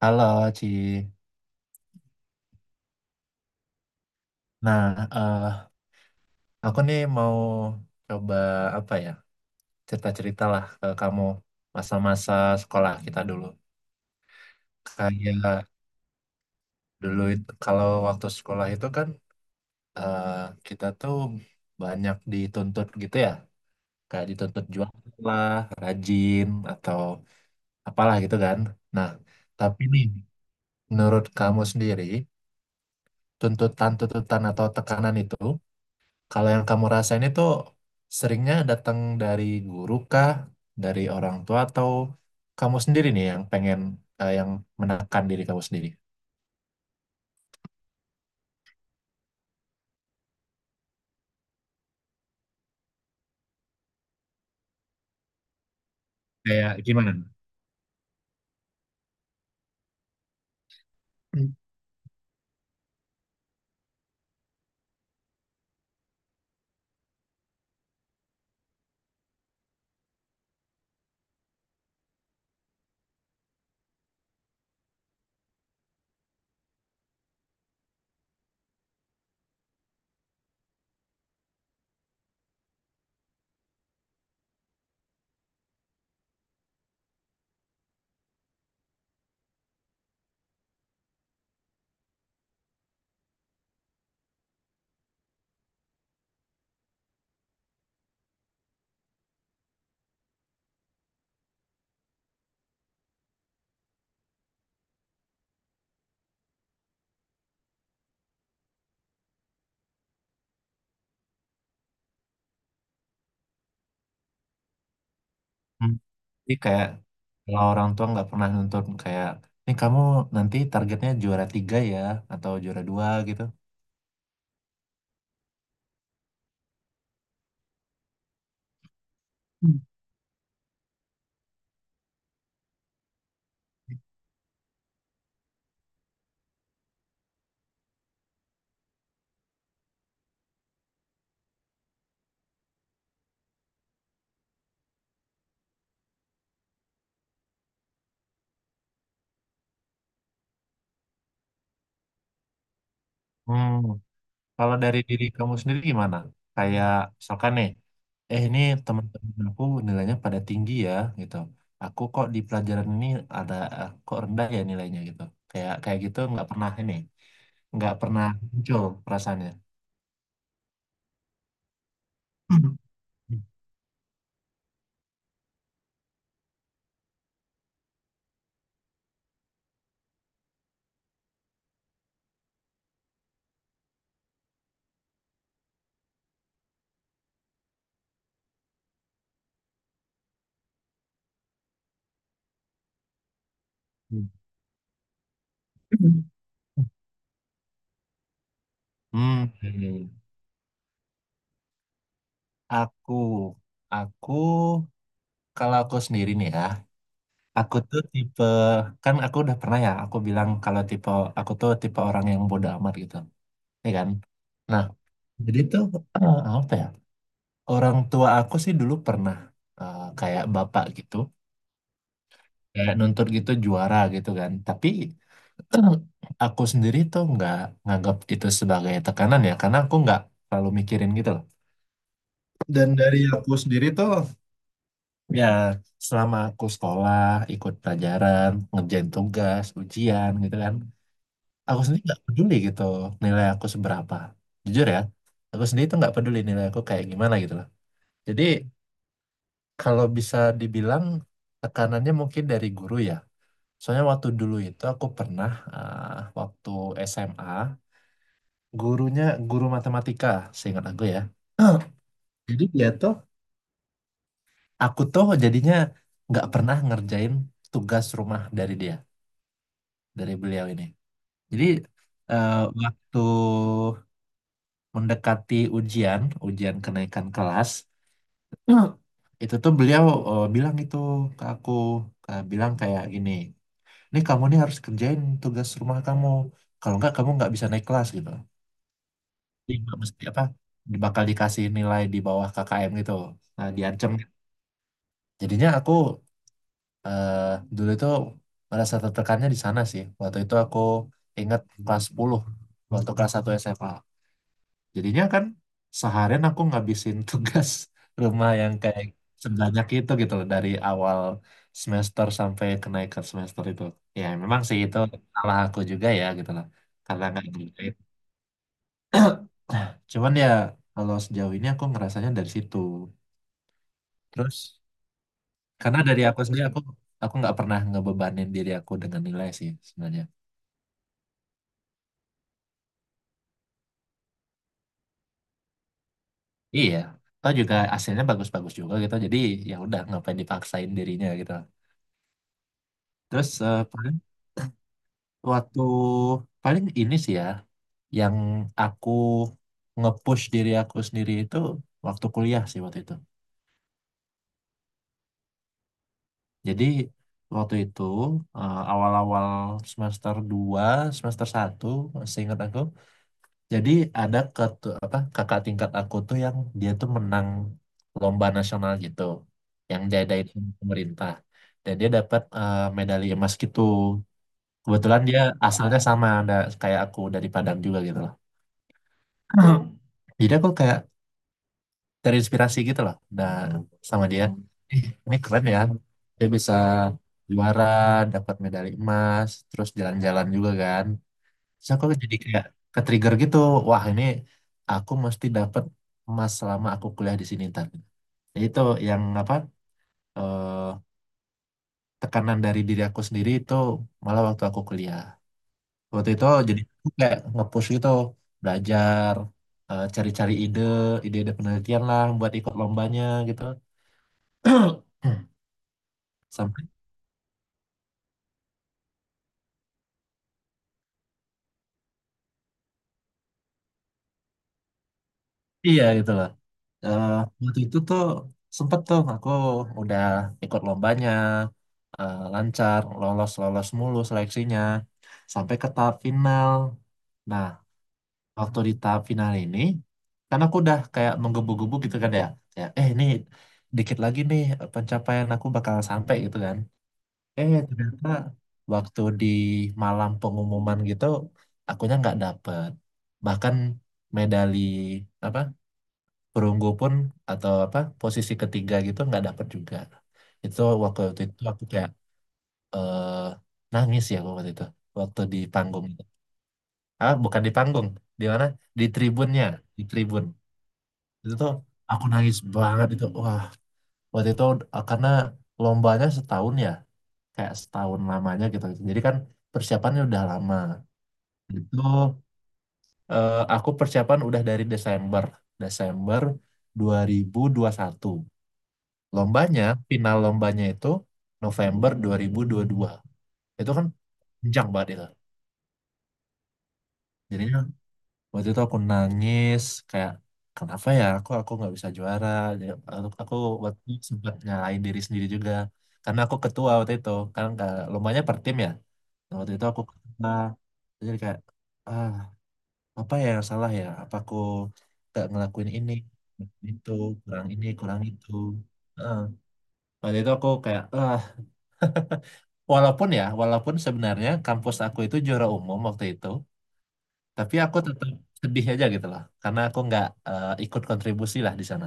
Halo, Ci. Nah, eh, aku nih mau coba apa ya? Cerita-cerita lah ke kamu masa-masa sekolah kita dulu. Kayak dulu itu kalau waktu sekolah itu kan eh, kita tuh banyak dituntut gitu ya. Kayak dituntut jualan lah, rajin atau apalah gitu kan. Nah, tapi nih menurut kamu sendiri tuntutan-tuntutan atau tekanan itu, kalau yang kamu rasain itu seringnya datang dari guru kah, dari orang tua atau kamu sendiri nih yang pengen, yang menekan diri kamu sendiri? Kayak gimana? Hmm. Jadi kayak kalau orang tua nggak pernah nuntut kayak ini kamu nanti targetnya juara tiga ya atau juara dua gitu. Hmm. Hmm. Kalau dari diri kamu sendiri gimana? Kayak misalkan nih, ini teman-teman aku nilainya pada tinggi ya gitu. Aku kok di pelajaran ini ada kok rendah ya nilainya gitu. Kayak kayak gitu nggak pernah nggak pernah muncul perasaannya. Hmm. Hmm, hmm. aku, aku, Kalau aku sendiri nih ya, aku tuh tipe, kan aku udah pernah ya, aku bilang kalau tipe, aku tuh tipe orang yang bodoh amat gitu, ya kan? Nah, jadi tuh apa ya? Orang tua aku sih dulu pernah kayak bapak gitu, kayak nuntut gitu juara gitu kan. Tapi aku sendiri tuh nggak nganggap itu sebagai tekanan ya, karena aku nggak terlalu mikirin gitu loh. Dan dari aku sendiri tuh ya selama aku sekolah, ikut pelajaran, ngerjain tugas, ujian gitu kan, aku sendiri nggak peduli gitu nilai aku seberapa. Jujur ya, aku sendiri tuh nggak peduli nilai aku kayak gimana gitu loh. Jadi, kalau bisa dibilang tekanannya mungkin dari guru ya. Soalnya waktu dulu itu aku pernah, waktu SMA gurunya guru matematika, seingat aku ya. Jadi dia tuh aku tuh jadinya nggak pernah ngerjain tugas rumah dari dia, dari beliau ini. Jadi eh, waktu mendekati ujian, ujian kenaikan kelas, itu tuh beliau bilang itu ke aku, bilang kayak gini. Ini kamu nih harus kerjain tugas rumah kamu. Kalau nggak kamu nggak bisa naik kelas gitu. Jadi nggak mesti apa, bakal dikasih nilai di bawah KKM gitu. Nah, diancam. Jadinya aku eh, dulu itu merasa tertekannya di sana sih. Waktu itu aku ingat kelas 10, waktu kelas 1 SMA. Jadinya kan seharian aku ngabisin tugas rumah yang kayak sebanyak itu gitu loh dari awal semester sampai kenaikan semester itu. Ya memang sih itu salah aku juga ya gitu loh karena nggak ngerjain. Cuman ya kalau sejauh ini aku ngerasanya dari situ. Terus karena dari aku sendiri aku nggak pernah ngebebanin diri aku dengan nilai sih sebenarnya. Iya. Atau juga hasilnya bagus-bagus juga gitu. Jadi ya udah ngapain dipaksain dirinya gitu. Terus, Waktu paling ini sih ya, yang aku nge-push diri aku sendiri itu waktu kuliah sih waktu itu. Jadi waktu itu awal-awal semester 2 semester 1, seingat aku. Jadi ada kakak tingkat aku tuh yang dia tuh menang lomba nasional gitu, yang diadain sama pemerintah. Dan dia dapat medali emas gitu. Kebetulan dia asalnya sama ada kayak aku dari Padang juga gitu. Jadi aku kayak terinspirasi gitu loh, nah, sama dia. Ih, ini keren ya. Dia bisa juara, dapat medali emas, terus jalan-jalan juga kan. Terus aku jadi kayak ke-trigger gitu. Wah, ini aku mesti dapat emas selama aku kuliah di sini ntar. Jadi itu yang apa, eh, tekanan dari diri aku sendiri itu malah waktu aku kuliah. Waktu itu jadi aku kayak nge-push gitu belajar, cari-cari ide-ide penelitian lah buat ikut lombanya gitu. Sampai iya gitu loh. Eh, Waktu itu tuh sempet tuh aku udah ikut lombanya, lancar lolos lolos mulu seleksinya sampai ke tahap final, nah, waktu di tahap final ini karena aku udah kayak menggebu-gebu gitu kan ya, kayak, ini dikit lagi nih pencapaian aku bakal sampai gitu kan. Ternyata waktu di malam pengumuman gitu akunya nggak dapet, bahkan medali apa perunggu pun atau apa posisi ketiga gitu nggak dapet juga. Itu waktu itu aku kayak, eh, nangis ya aku waktu itu, waktu di panggung itu, bukan di panggung, di mana, di tribunnya, di tribun. Itu tuh aku nangis banget itu, wah, waktu itu, karena lombanya setahun ya kayak setahun lamanya gitu. Jadi kan persiapannya udah lama. Itu aku persiapan udah dari Desember, Desember dua ribu satu. Lombanya, final lombanya itu November dua ribu dua. Itu kan panjang banget itu. Jadinya waktu itu aku nangis kayak kenapa ya aku nggak bisa juara. Jadi, Aku waktu itu sempat nyalain diri sendiri juga karena aku ketua waktu itu. Kan lombanya per tim ya. Nah, waktu itu aku ketua. Jadi kayak, ah apa ya yang salah ya apa aku gak ngelakuin ini ngelakuin itu, kurang ini kurang itu. Heeh. Waktu itu aku kayak, walaupun sebenarnya kampus aku itu juara umum waktu itu, tapi aku tetap sedih aja gitu loh karena aku nggak ikut kontribusi lah di sana.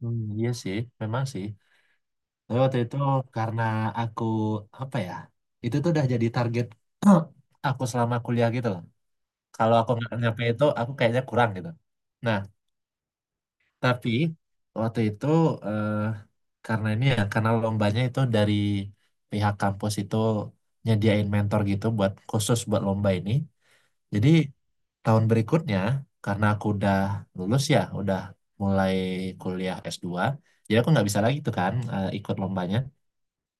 Hmm, iya sih, memang sih. Tapi waktu itu karena aku apa ya, itu tuh udah jadi target aku selama kuliah gitu loh. Kalau aku nggak nyampe itu, aku kayaknya kurang gitu. Nah, tapi waktu itu eh, karena ini ya karena lombanya itu dari pihak kampus itu nyediain mentor gitu buat khusus buat lomba ini. Jadi tahun berikutnya karena aku udah lulus ya, udah mulai kuliah S2 jadi aku nggak bisa lagi tuh kan ikut lombanya.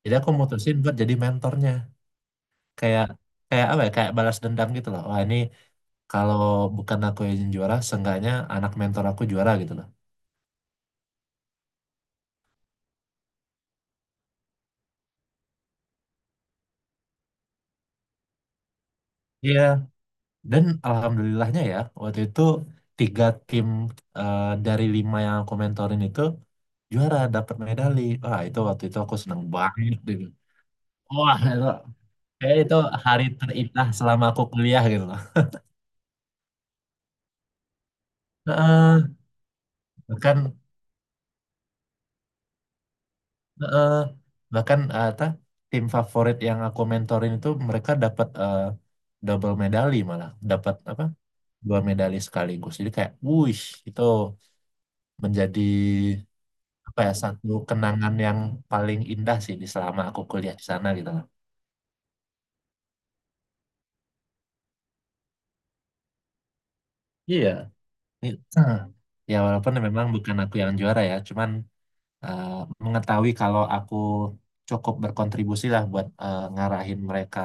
Jadi aku mutusin buat jadi mentornya. Kayak kayak apa ya? Kayak balas dendam gitu loh. Wah, ini kalau bukan aku yang juara, seenggaknya anak mentor aku juara gitu loh. Iya. Dan alhamdulillahnya ya, waktu itu tiga tim dari lima yang aku mentorin itu juara, dapat medali. Wah, itu waktu itu aku seneng banget gitu. Wah, itu, kayak itu hari terindah selama aku kuliah gitu loh. Heeh, bahkan, heeh, bahkan apa, tim favorit yang aku mentorin itu mereka dapat double medali malah, dapat apa? Dua medali sekaligus. Jadi kayak, wuih, itu menjadi apa ya satu kenangan yang paling indah sih di selama aku kuliah di sana gitu loh. Iya. Ini- eh, Ya walaupun memang bukan aku yang juara ya, cuman eh, mengetahui kalau aku cukup berkontribusi lah buat ngarahin mereka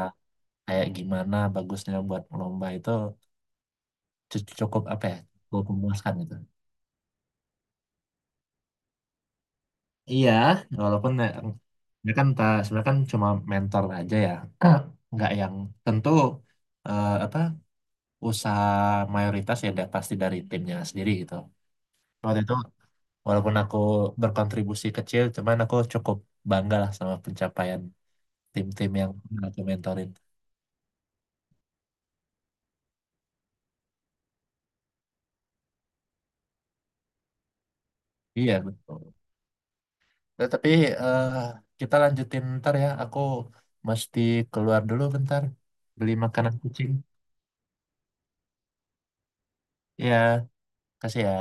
kayak gimana bagusnya buat lomba itu cukup apa ya, cukup memuaskan gitu. Iya, walaupun ya, ya kan sebenarnya kan cuma mentor aja ya, nggak yang tentu apa usaha mayoritas ya pasti dari timnya sendiri gitu. Waktu itu walaupun aku berkontribusi kecil, cuman aku cukup bangga lah sama pencapaian tim-tim yang pernah aku mentorin. Iya betul. Nah, tapi eh, kita lanjutin ntar ya. Aku mesti keluar dulu bentar beli makanan kucing. Iya, kasih ya.